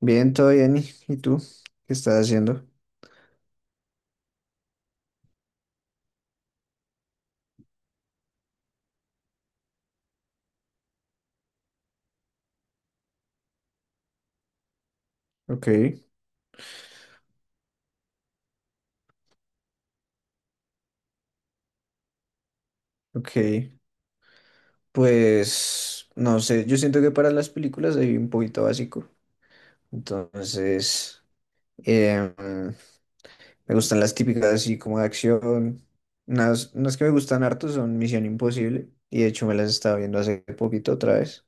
Bien, todo bien. ¿Y tú? ¿Qué estás haciendo? Ok, ok. Pues no sé, yo siento que para las películas soy un poquito básico. Entonces, em, me gustan las típicas así como de acción. Unas que me gustan harto son Misión Imposible. Y de hecho me las estaba viendo hace poquito otra vez.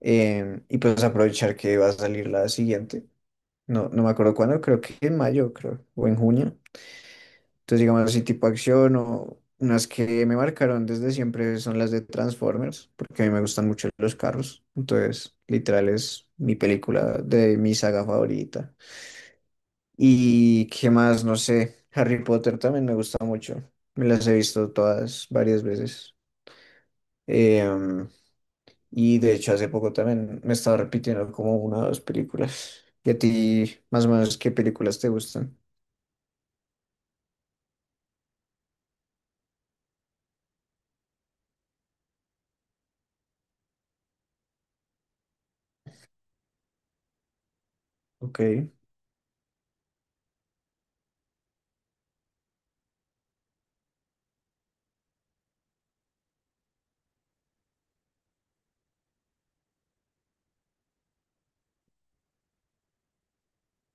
Y pues aprovechar que va a salir la siguiente. No, no me acuerdo cuándo, creo que en mayo, creo, o en junio. Entonces, digamos así, tipo acción o unas que me marcaron desde siempre son las de Transformers, porque a mí me gustan mucho los carros. Entonces, literal es mi película de mi saga favorita. Y qué más, no sé, Harry Potter también me gusta mucho. Me las he visto todas varias veces. Em, y de hecho, hace poco también me estaba repitiendo como una o dos películas. ¿Y a ti, más o menos, qué películas te gustan? Ok.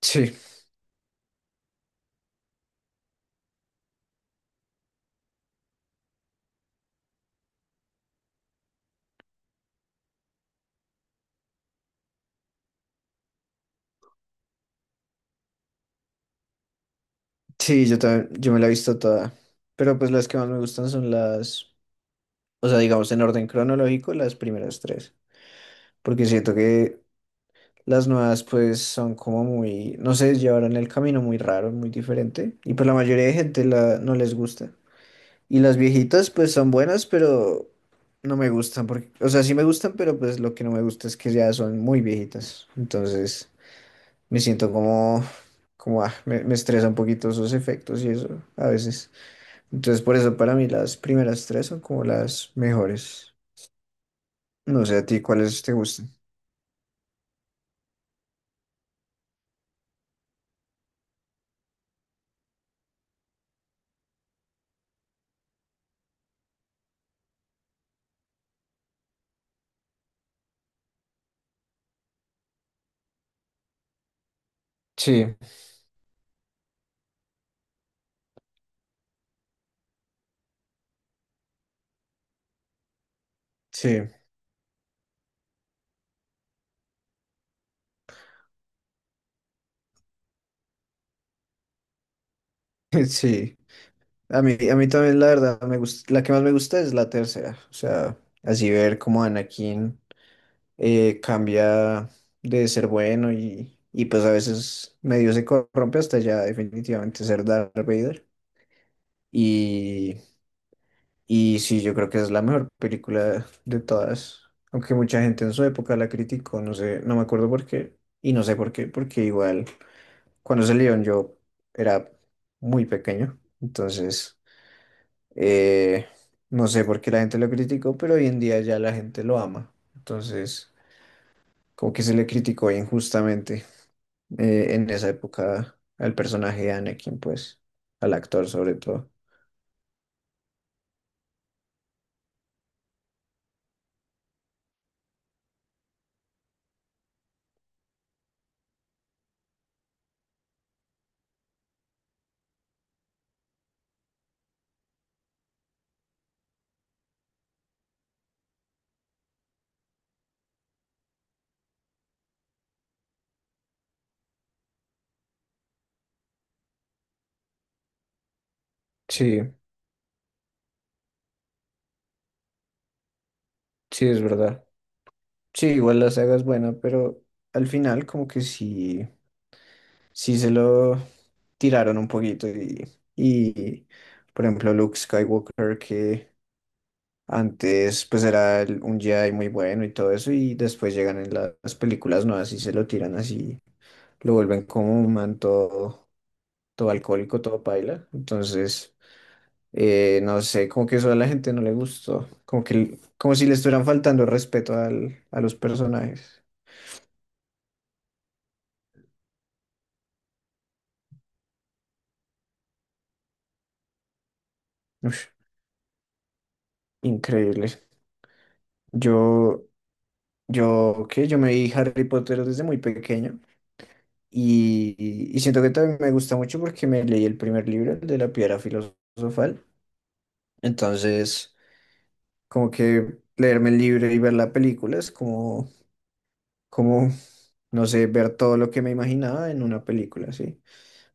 Sí. Sí, yo también, yo me la he visto toda. Pero pues las que más me gustan son o sea, digamos en orden cronológico, las primeras tres. Porque siento que las nuevas pues son como muy, no sé, llevaron el camino muy raro, muy diferente. Y pues la mayoría de no les gusta. Y las viejitas pues son buenas, pero no me gustan. Porque, o sea, sí me gustan, pero pues lo que no me gusta es que ya son muy viejitas. Entonces me siento como, como, ah, me estresa un poquito esos efectos y eso a veces. Entonces, por eso para mí las primeras tres son como las mejores. No sé a ti cuáles te gustan. Sí, sí, sí. A mí también la verdad me gusta, la que más me gusta es la tercera. O sea, así ver cómo Anakin cambia de ser bueno y pues a veces medio se corrompe hasta ya definitivamente ser Darth Vader. Y, Y sí, yo creo que es la mejor película de todas. Aunque mucha gente en su época la criticó, no sé, no me acuerdo por qué. Y no sé por qué, porque igual cuando salieron yo era muy pequeño. Entonces, eh, no sé por qué la gente lo criticó, pero hoy en día ya la gente lo ama. Entonces, como que se le criticó injustamente en esa época al personaje de Anakin, pues, al actor sobre todo. Sí, sí, es verdad. Sí, igual la saga es buena, pero al final como que sí, sí se lo tiraron un poquito y por ejemplo Luke Skywalker que antes pues era un Jedi muy bueno y todo eso y después llegan en las películas nuevas y se lo tiran así, lo vuelven como un man todo, todo alcohólico, todo paila, entonces no sé, como que eso a la gente no le gustó, como que como si le estuvieran faltando el respeto a los personajes. Ush. Increíble. Yo, yo, ¿qué? Yo me vi Harry Potter desde muy pequeño y, y siento que también me gusta mucho porque me leí el primer libro, el de la piedra filosofal. Entonces, como que leerme el libro y ver la película es como, como, no sé, ver todo lo que me imaginaba en una película, ¿sí?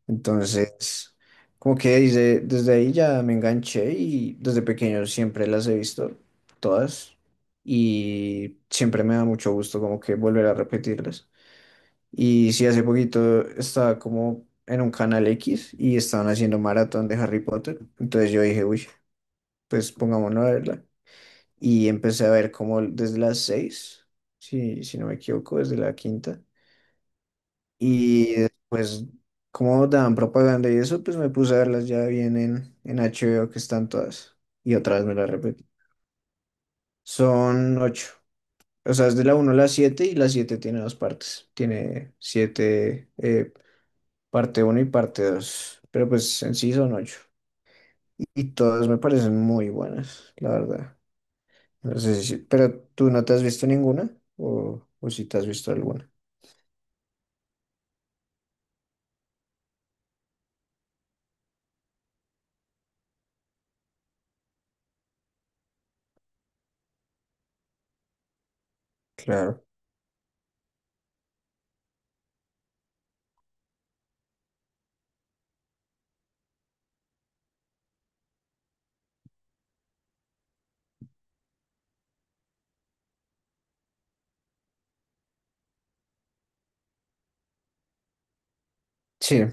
Entonces, como que desde, desde ahí ya me enganché y desde pequeño siempre las he visto todas y siempre me da mucho gusto como que volver a repetirlas. Y sí, hace poquito estaba como en un canal X y estaban haciendo maratón de Harry Potter. Entonces yo dije, uy, pues pongámonos a verla. Y empecé a ver como desde las seis, si, si no me equivoco, desde la quinta. Y después, como daban propaganda y eso, pues me puse a verlas ya bien en HBO, que están todas. Y otra vez me las repetí. Son ocho. O sea, es de la uno a la 7 y la 7 tiene dos partes. Tiene siete parte uno y parte 2, pero pues en sí son ocho. Y todas me parecen muy buenas, la verdad. No sé si, pero tú no te has visto ninguna o si te has visto alguna. Claro. Sí,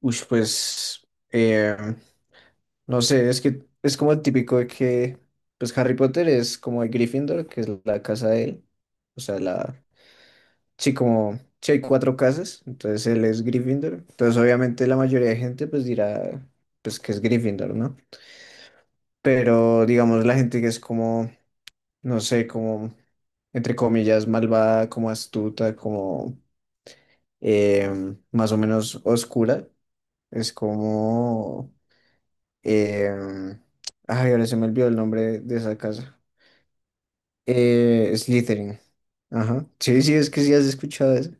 uy, pues no sé, es que es como el típico de que pues Harry Potter es como el Gryffindor, que es la casa de él. O sea, la sí, como sí hay cuatro casas, entonces él es Gryffindor. Entonces, obviamente, la mayoría de gente pues dirá pues que es Gryffindor, ¿no? Pero digamos, la gente que es como, no sé, como, entre comillas, malvada, como astuta, como más o menos oscura, es como... em, ay, ahora se me olvidó el nombre de esa casa. Slytherin. Ajá. Sí, sí, es que sí has escuchado eso.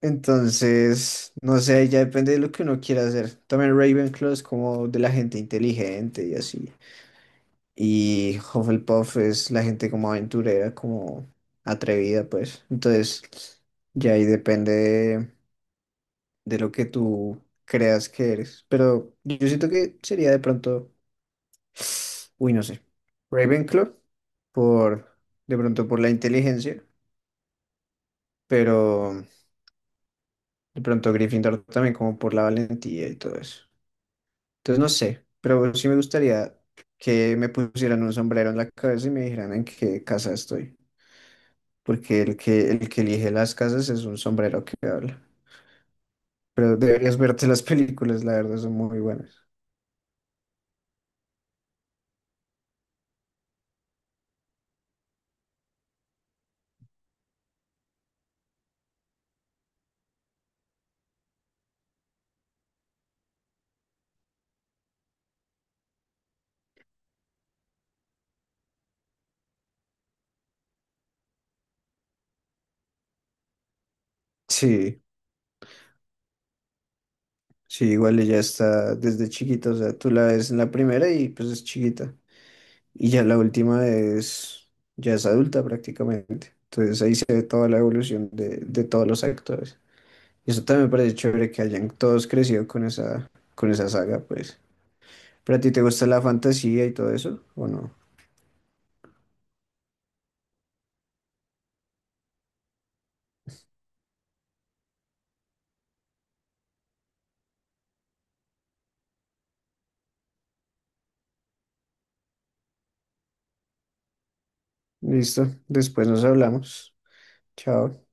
Entonces, no sé, ya depende de lo que uno quiera hacer. También Ravenclaw es como de la gente inteligente y así. Y Hufflepuff es la gente como aventurera, como atrevida, pues. Entonces, ya ahí depende de lo que tú creas que eres. Pero yo siento que sería de pronto, uy, no sé, Ravenclaw, por, de pronto por la inteligencia, pero de pronto Gryffindor también como por la valentía y todo eso. Entonces, no sé, pero sí me gustaría que me pusieran un sombrero en la cabeza y me dijeran en qué casa estoy. Porque el que elige las casas es un sombrero que habla. Pero deberías verte las películas, la verdad, son muy buenas. Sí, sí, igual ella está desde chiquita, o sea, tú la ves en la primera y pues es chiquita. Y ya la última es, ya es adulta prácticamente. Entonces ahí se ve toda la evolución de todos los actores. Y eso también me parece chévere que hayan todos crecido con esa saga, pues. ¿Pero a ti te gusta la fantasía y todo eso? ¿O no? Listo, después nos hablamos. Chao.